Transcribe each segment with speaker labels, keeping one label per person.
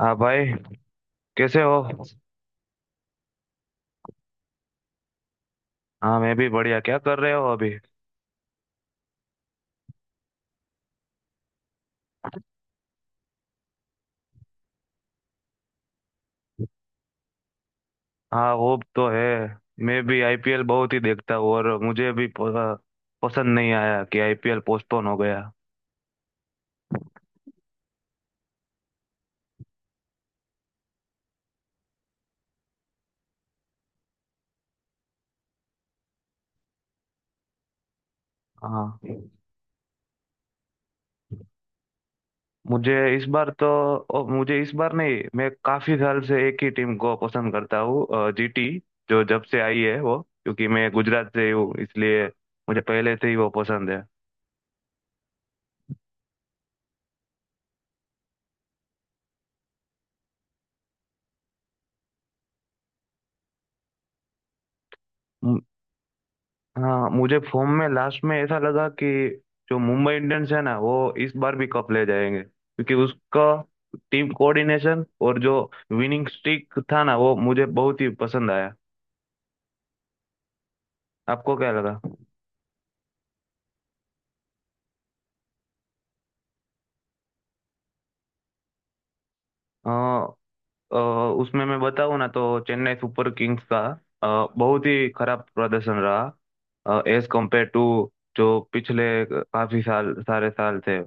Speaker 1: हाँ भाई, कैसे हो। हाँ मैं भी बढ़िया, क्या कर रहे हो अभी। हाँ वो तो है। मैं भी आईपीएल बहुत ही देखता हूँ और मुझे भी पसंद नहीं आया कि आईपीएल पोस्टपोन हो गया। हाँ मुझे इस बार तो मुझे इस बार नहीं, मैं काफी साल से एक ही टीम को पसंद करता हूँ। जीटी, जो जब से आई है वो। क्योंकि मैं गुजरात से ही हूँ, इसलिए मुझे पहले से ही वो पसंद है। हाँ मुझे फॉर्म में लास्ट में ऐसा लगा कि जो मुंबई इंडियंस है ना वो इस बार भी कप ले जाएंगे, क्योंकि उसका टीम कोऑर्डिनेशन और जो विनिंग स्ट्रीक था ना वो मुझे बहुत ही पसंद आया। आपको क्या लगा। अ, अ, उसमें मैं बताऊँ ना तो चेन्नई सुपर किंग्स का बहुत ही खराब प्रदर्शन रहा, एज कम्पेयर टू जो पिछले काफी साल सारे साल थे।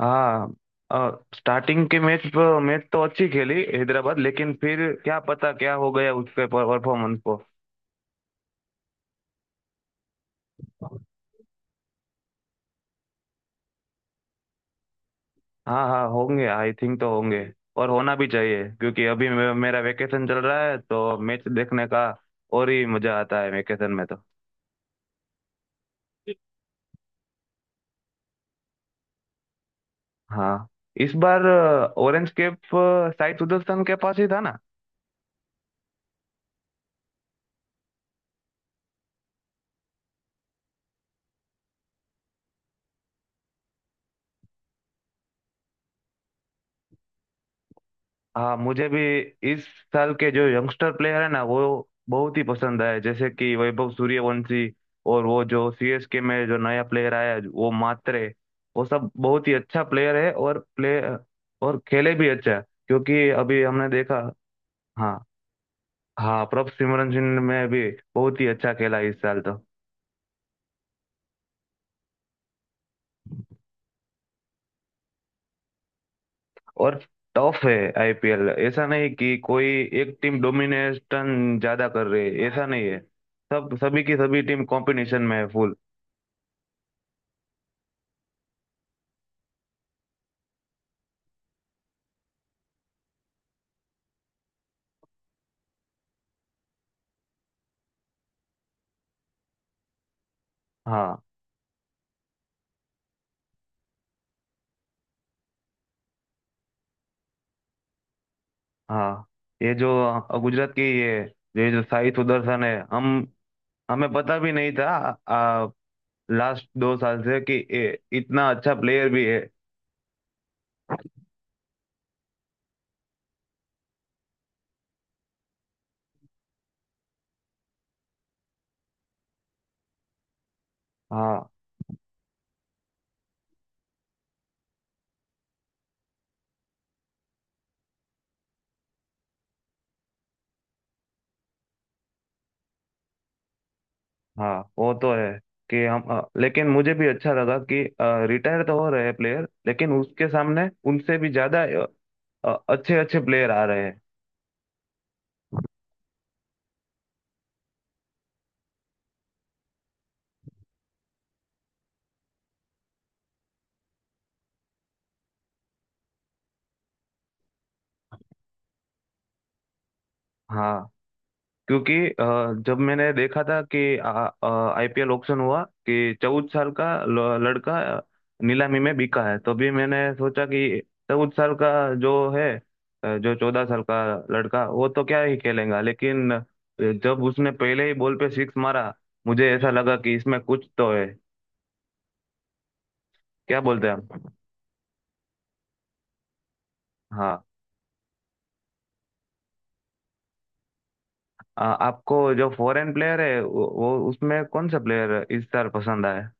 Speaker 1: हाँ स्टार्टिंग के मैच मैच तो अच्छी खेली हैदराबाद, लेकिन फिर क्या पता क्या हो गया उसके परफॉर्मेंस को। हाँ, हाँ होंगे, आई थिंक तो होंगे। और होना भी चाहिए क्योंकि अभी मेरा वेकेशन चल रहा है, तो मैच देखने का और ही मजा आता है वेकेशन में तो। हाँ इस बार ऑरेंज कैप साई सुदर्शन के पास ही था ना। हाँ मुझे भी इस साल के जो यंगस्टर प्लेयर है ना वो बहुत ही पसंद आए, जैसे कि वैभव सूर्यवंशी। और वो जो सीएसके में जो नया प्लेयर आया वो मात्रे। वो सब बहुत ही अच्छा प्लेयर है और प्ले और खेले भी अच्छा, क्योंकि अभी हमने देखा। हाँ, हाँ प्रभ सिमरन सिंह में भी बहुत ही अच्छा खेला इस साल तो। और टफ है आईपीएल, ऐसा नहीं कि कोई एक टीम डोमिनेशन ज्यादा कर रही है, ऐसा नहीं है। सब सभी की सभी टीम कॉम्पिटिशन में है फुल। हाँ, हाँ ये जो गुजरात की ये जो साई सुदर्शन है, हम हमें पता भी नहीं था, आ, लास्ट 2 साल से, कि ये इतना अच्छा प्लेयर भी है। हाँ, हाँ वो तो है कि हम, लेकिन मुझे भी अच्छा लगा कि रिटायर तो हो रहे हैं प्लेयर, लेकिन उसके सामने उनसे भी ज्यादा अच्छे अच्छे प्लेयर आ रहे हैं। हाँ, क्योंकि जब मैंने देखा था कि आईपीएल ऑक्शन हुआ, कि 14 साल का लड़का नीलामी में बिका है, तो भी मैंने सोचा कि 14 साल का जो है, जो 14 साल का लड़का वो तो क्या ही खेलेगा, लेकिन जब उसने पहले ही बॉल पे सिक्स मारा, मुझे ऐसा लगा कि इसमें कुछ तो है। क्या बोलते हैं आप। हाँ, आपको जो फॉरेन प्लेयर है वो उसमें कौन सा प्लेयर इस बार पसंद आया।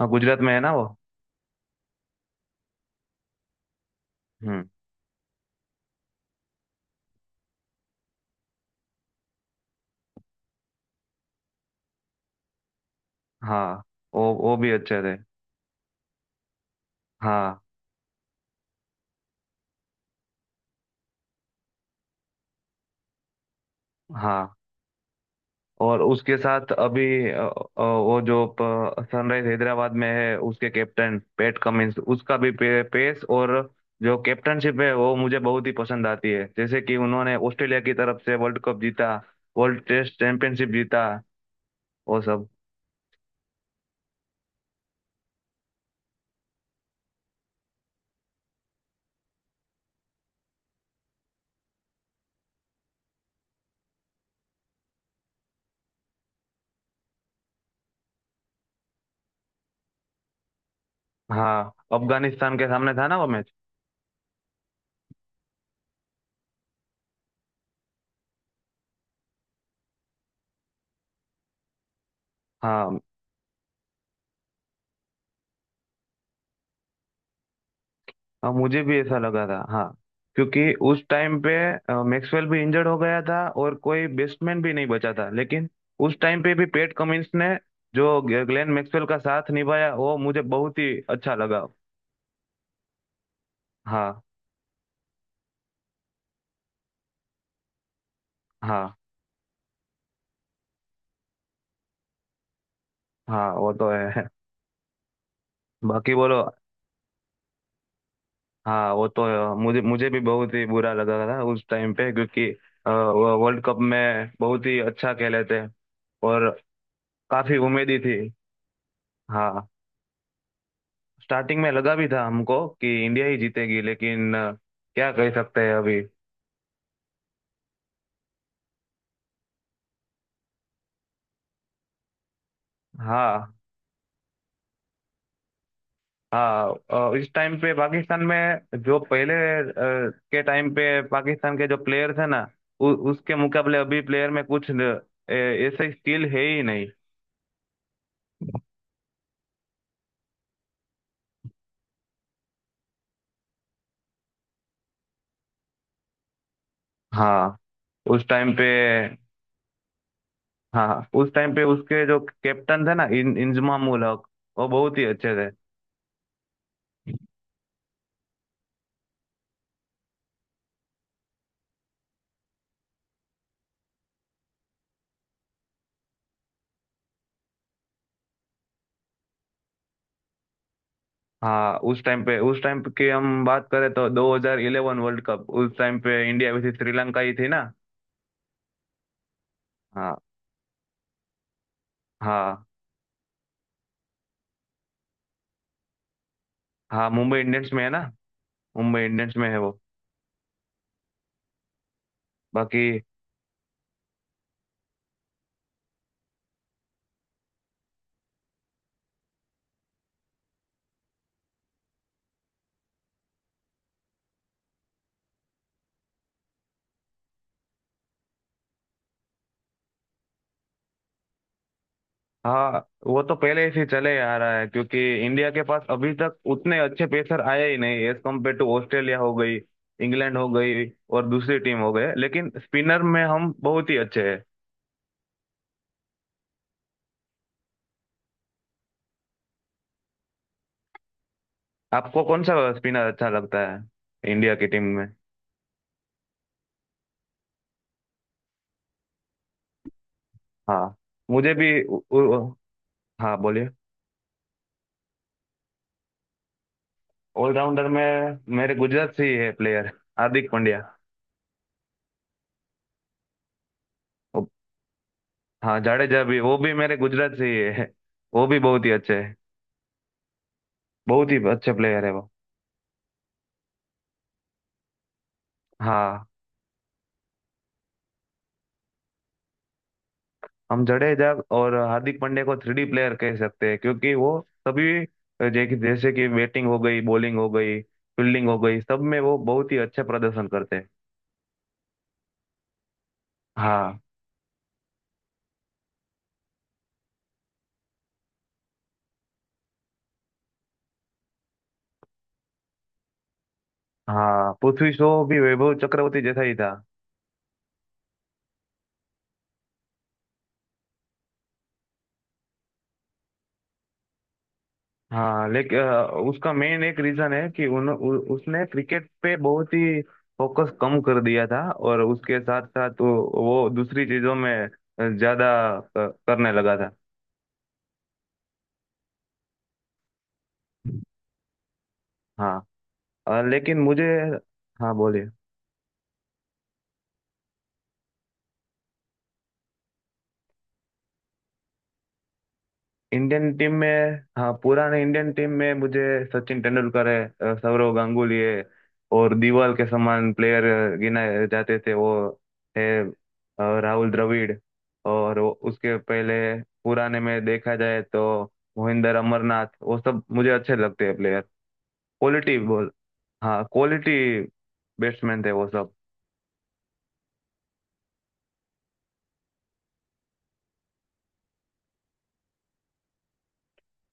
Speaker 1: हाँ गुजरात में है ना वो। हम्म। हाँ वो भी अच्छे थे। हाँ, हाँ, और उसके साथ अभी वो जो सनराइज हैदराबाद में है, उसके कैप्टन पैट कमिंस, उसका भी पेस और जो कैप्टनशिप है वो मुझे बहुत ही पसंद आती है, जैसे कि उन्होंने ऑस्ट्रेलिया की तरफ से वर्ल्ड कप जीता, वर्ल्ड टेस्ट चैंपियनशिप जीता, वो सब। हाँ अफगानिस्तान के सामने था ना वो मैच। हाँ, हाँ मुझे भी ऐसा लगा था। हाँ क्योंकि उस टाइम पे मैक्सवेल भी इंजर्ड हो गया था और कोई बेस्टमैन भी नहीं बचा था, लेकिन उस टाइम पे भी पेट कमिंस ने जो ग्लेन मैक्सवेल का साथ निभाया वो मुझे बहुत ही अच्छा लगा। हाँ, हाँ, हाँ वो तो है। बाकी बोलो। हाँ वो तो है। मुझे मुझे भी बहुत ही बुरा लगा था उस टाइम पे, क्योंकि वो वर्ल्ड कप में बहुत ही अच्छा खेले थे, और काफी उम्मीदी थी। हाँ स्टार्टिंग में लगा भी था हमको कि इंडिया ही जीतेगी, लेकिन क्या कह सकते हैं अभी। हाँ, हाँ इस टाइम पे पाकिस्तान में जो पहले के टाइम पे पाकिस्तान के जो प्लेयर थे ना, उसके मुकाबले अभी प्लेयर में कुछ न- ए- ऐसे स्किल है ही नहीं। हाँ उस टाइम पे, हाँ उस टाइम पे उसके जो कैप्टन थे ना, इन इंजमामुल हक, वो बहुत ही अच्छे थे। हाँ उस टाइम पे, उस टाइम पे की हम बात करें तो 2011 वर्ल्ड कप, उस टाइम पे इंडिया वैसे श्रीलंका ही थी ना। हाँ, हाँ, हाँ मुंबई इंडियंस में है ना। मुंबई इंडियंस में है वो। बाकी, हाँ वो तो पहले से चले आ रहा है, क्योंकि इंडिया के पास अभी तक उतने अच्छे पेसर आए ही नहीं, एज कम्पेयर टू ऑस्ट्रेलिया हो गई, इंग्लैंड हो गई और दूसरी टीम हो गए, लेकिन स्पिनर में हम बहुत ही अच्छे हैं। आपको कौन सा स्पिनर अच्छा लगता है इंडिया की टीम में। हाँ मुझे भी उ, उ, हाँ बोलिए। ऑलराउंडर में मेरे गुजरात से ही है प्लेयर, हार्दिक पांड्या। वो- हाँ जाडेजा भी, वो भी मेरे गुजरात से ही है, वो भी बहुत ही अच्छे है, बहुत ही अच्छे प्लेयर है वो। हाँ, हम जडेजा और हार्दिक पांड्या को थ्री डी प्लेयर कह सकते हैं क्योंकि वो सभी जैसे कि बैटिंग हो गई, बॉलिंग हो गई, फील्डिंग हो गई, सब में वो बहुत ही अच्छा प्रदर्शन करते हैं। हाँ, हाँ पृथ्वी शॉ भी वैभव चक्रवर्ती जैसा ही था। हाँ लेकिन उसका मेन एक रीजन है कि उसने क्रिकेट पे बहुत ही फोकस कम कर दिया था, और उसके साथ साथ वो दूसरी चीजों में ज्यादा करने लगा था। हाँ, लेकिन मुझे, हाँ बोलिए। इंडियन टीम में, हाँ पुराने इंडियन टीम में मुझे सचिन तेंदुलकर है, सौरव गांगुली है, और दीवाल के समान प्लेयर गिनाए जाते थे वो। है राहुल द्रविड़। और उसके पहले पुराने में देखा जाए तो मोहिंदर अमरनाथ, वो सब मुझे अच्छे लगते हैं प्लेयर। क्वालिटी बॉल, हाँ क्वालिटी बैट्समैन थे वो सब।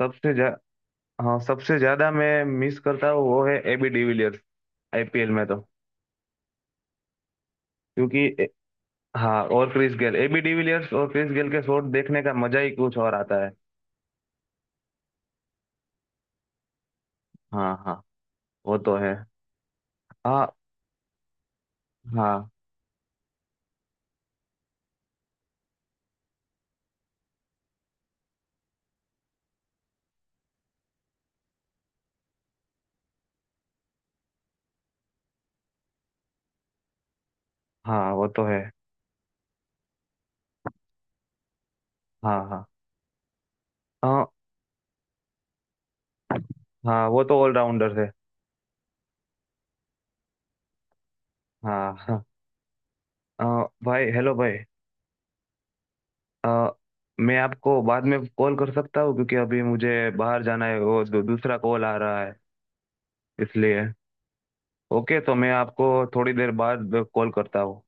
Speaker 1: सबसे जा, हाँ सबसे ज्यादा मैं मिस करता हूँ वो है एबी डिविलियर्स, आईपीएल में तो, क्योंकि। हाँ और क्रिस गेल, एबी डिविलियर्स और क्रिस गेल के शॉट देखने का मजा ही कुछ और आता है। हाँ, हाँ वो तो है। हाँ, हाँ, हाँ वो तो है। हाँ, हाँ, हाँ, हाँ वो तो ऑलराउंडर है। हाँ, हाँ अ, भाई, हेलो भाई। अ, मैं आपको बाद में कॉल कर सकता हूँ, क्योंकि अभी मुझे बाहर जाना है, वो दूसरा कॉल आ रहा है, इसलिए। ओके, तो मैं आपको थोड़ी देर बाद कॉल करता हूँ।